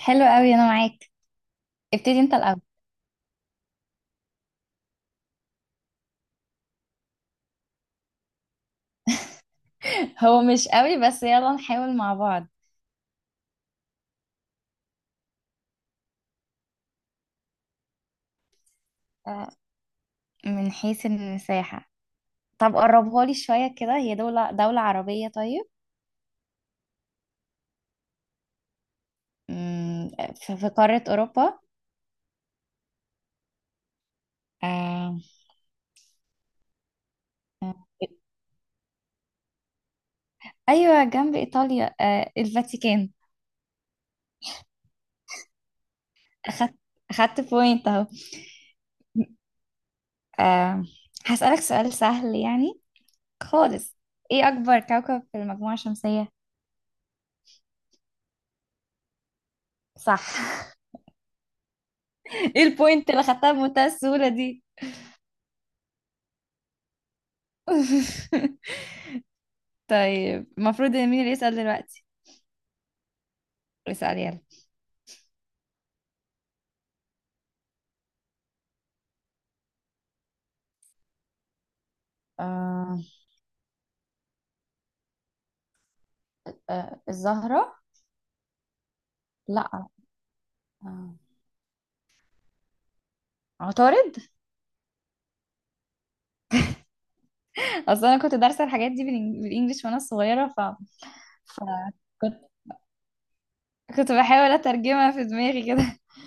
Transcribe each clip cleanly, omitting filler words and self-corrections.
حلو قوي انا معاك. ابتدي انت الاول. هو مش قوي، بس يلا نحاول مع بعض. آه، من حيث المساحة. طب قربها لي شوية كده، هي دولة عربية طيب؟ مم، في قارة أوروبا؟ آه، آه، أيوة جنب إيطاليا، آه، الفاتيكان. أخدت، أخدت بوينت أهو. آه، هسألك سؤال سهل يعني خالص. إيه أكبر كوكب في المجموعة الشمسية؟ صح. إيه البوينت اللي خدتها بمنتهى السهولة دي؟ طيب المفروض ان مين اللي يسأل دلوقتي؟ اسأل يلا. آه، آه الزهرة؟ لا، آه، عطارد. اصل انا كنت دارسه الحاجات دي بالانجلش وانا صغيره، ف... ف كنت كنت بحاول اترجمها في دماغي كده.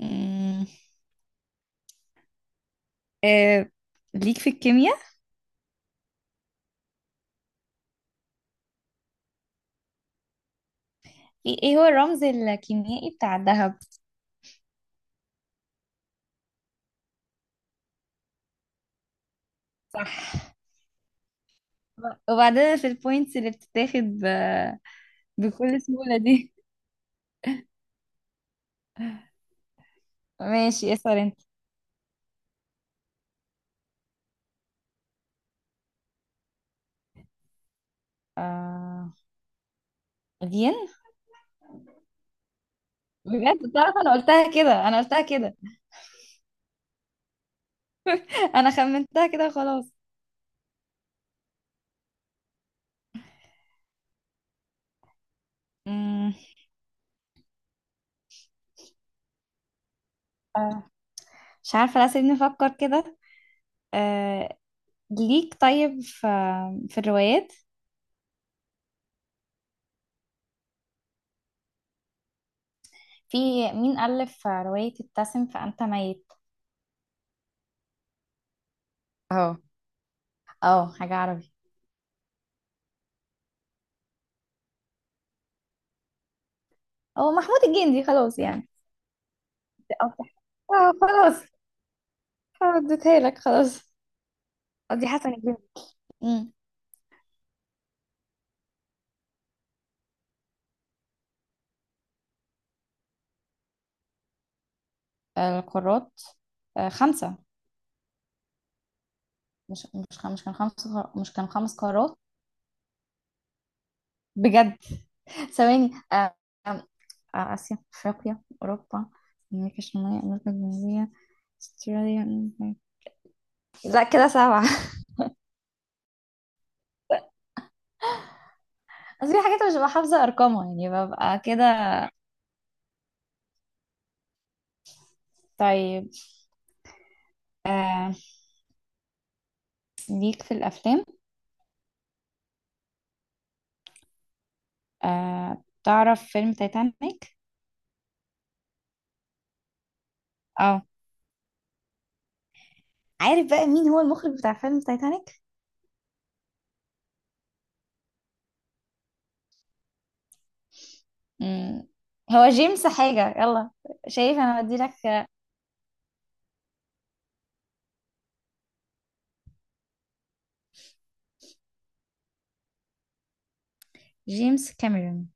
أمم، آه، ليك في الكيمياء؟ إيه هو الرمز الكيميائي بتاع الذهب؟ صح. وبعدين في البوينتس اللي بتتاخد ب... بكل سهوله دي؟ ماشي، اسأل انت. آه، الين. بجد تعرف انا قلتها كده، انا قلتها كده، انا خمنتها كده خلاص. مم. آه، مش عارفه، لا سيبني افكر كده. آه، ليك طيب في، في الروايات؟ في، مين ألف رواية ابتسم فأنت ميت؟ اهو، اه حاجة عربي. هو محمود الجندي خلاص يعني. أوضح. اه خلاص، اديتها لك خلاص. قصدي حسن الجندي. امم. القارات، آه، خمسة. مش مش كان مش كان خمس قارات؟ بجد. ثواني. آم، آه، آسيا، أفريقيا، أوروبا، أمريكا الشمالية، أمريكا الجنوبية، أستراليا. لا كده سبعة. بس في حاجات مش ببقى حافظة أرقامها يعني، ببقى كده. طيب، آه، ليك في الأفلام؟ آه، تعرف فيلم تايتانيك؟ اه، عارف بقى مين هو المخرج بتاع فيلم تايتانيك؟ مم. هو جيمس حاجة، يلا. شايف أنا بديلك. جيمس كاميرون.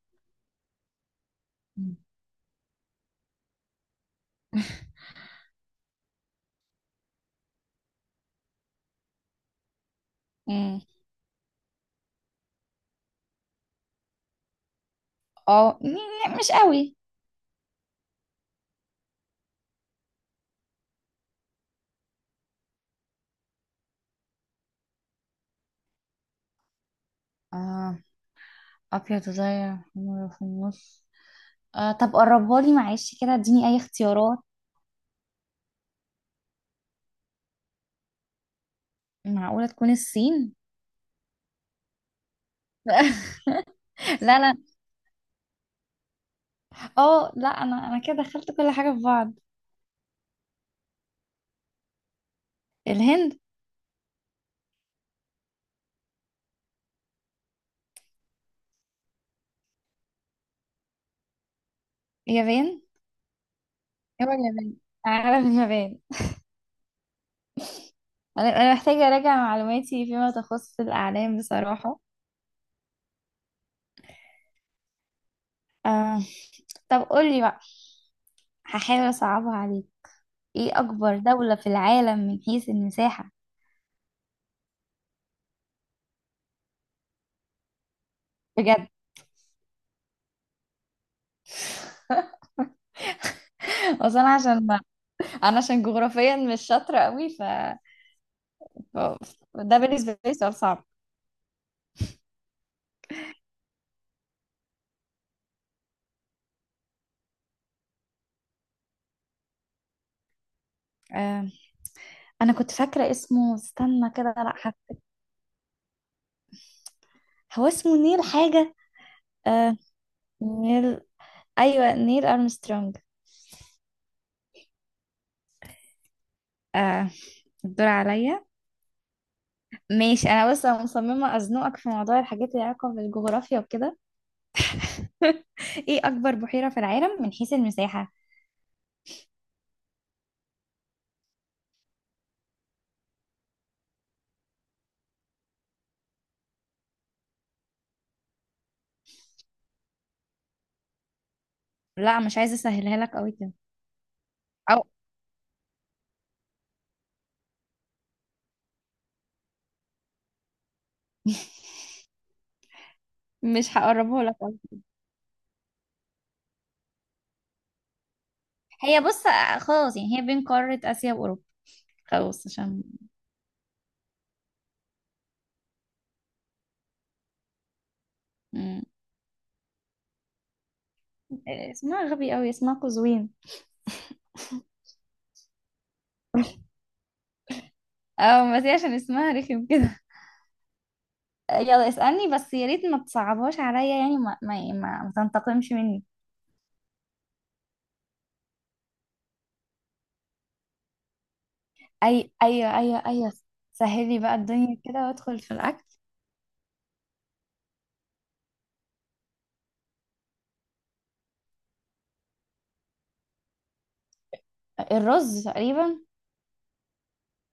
مم. مم. اه، مش قوي. آه، أبيض زي حمرا في النص؟ آه طب قربها لي معلش كده، اديني أي اختيارات. معقولة تكون الصين؟ لا لا، اه لا أنا، أنا كده دخلت كل حاجة في بعض. الهند؟ اليابان. هو اليابان. عالم اليابان. أنا، أنا محتاجة أراجع معلوماتي فيما تخص الأعلام بصراحة. آه، طب قولي بقى. هحاول أصعبها عليك. إيه أكبر دولة في العالم من حيث المساحة؟ بجد. اصل انا عشان ما، انا عشان جغرافيا مش شاطره قوي، ف اه. ده بالنسبة لي سؤال صعب. آه. أنا كنت فاكرة اسمه، استنى كده، لأ هفتكر. هو اسمه نيل حاجة. آه. نيل، أيوة نيل أرمسترونج. آه. الدور عليا. ماشي، أنا بس أنا مصممة أزنقك في موضوع الحاجات اللي علاقة بالجغرافيا وكده. إيه أكبر بحيرة في العالم من حيث المساحة؟ لا مش عايزة أسهلها لك أوي كده. أو مش هقربه لك أوي. هي بص، آه، خلاص يعني هي بين قارة آسيا وأوروبا. خلاص عشان، آه، اسمها غبي أوي، اسمها قزوين. أو بس هي عشان اسمها رخم كده. آه، يلا اسألني بس يا ريت ما تصعبهاش عليا يعني ما تنتقمش مني. أي أيوة أيوة أيوة. سهلي بقى الدنيا كده وادخل في الأكل. الرز تقريبا.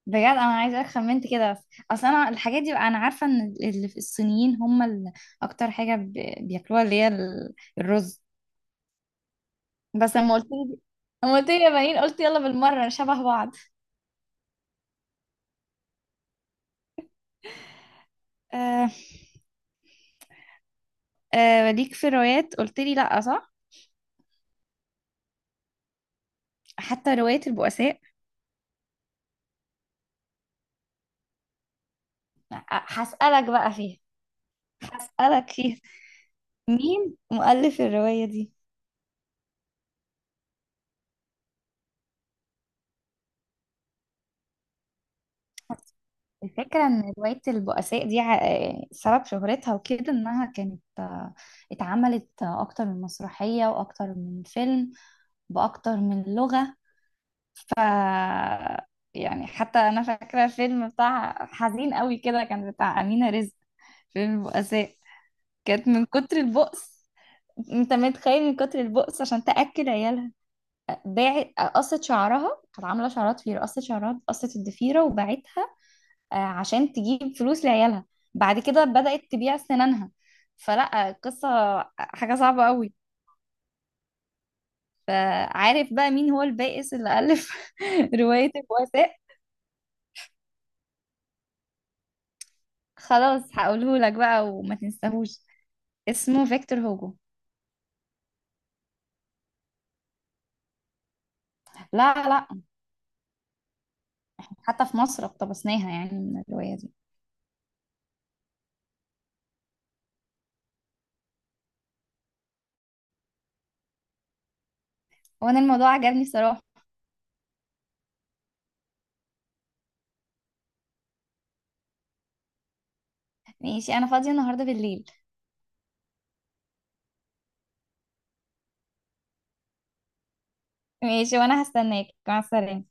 بجد أنا عايزة خمنت كده بس. أصل أنا الحاجات دي بقى، أنا عارفة إن اللي في الصينيين هم اللي أكتر حاجة بياكلوها اللي هي الرز. بس لما قلت لي، لما قلت لي يا بنين قلت يلا بالمرة شبه بعض. أه، آه ليك في الروايات؟ قلت لي لا، صح؟ حتى رواية البؤساء. هسألك بقى فيها. هسألك فيها، مين مؤلف الرواية دي؟ الفكرة ان رواية البؤساء دي سبب شهرتها وكده انها كانت، اتعملت اكتر من مسرحية واكتر من فيلم، باكتر من لغة. ف يعني حتى انا فاكرة الفيلم بتاع حزين قوي كده كان بتاع أمينة رزق، فيلم البؤساء. كانت من كتر البؤس، انت متخيل من كتر البؤس عشان تاكل عيالها، باعت، قصت شعرها، كانت عامله شعرات في قصت شعرها، قصت الضفيره وباعتها، عشان تجيب فلوس لعيالها. بعد كده بدات تبيع سنانها. فلا قصه، حاجه صعبه قوي. فعارف بقى مين هو البائس اللي الف روايه البؤساء؟ خلاص هقوله لك بقى وما تنساهوش. اسمه فيكتور هوجو. لا لا. حتى في مصر اقتبسناها يعني من الروايه دي. وانا الموضوع عجبني صراحه. ماشي انا فاضيه النهارده بالليل. ماشي، وانا هستناك، مع السلامة.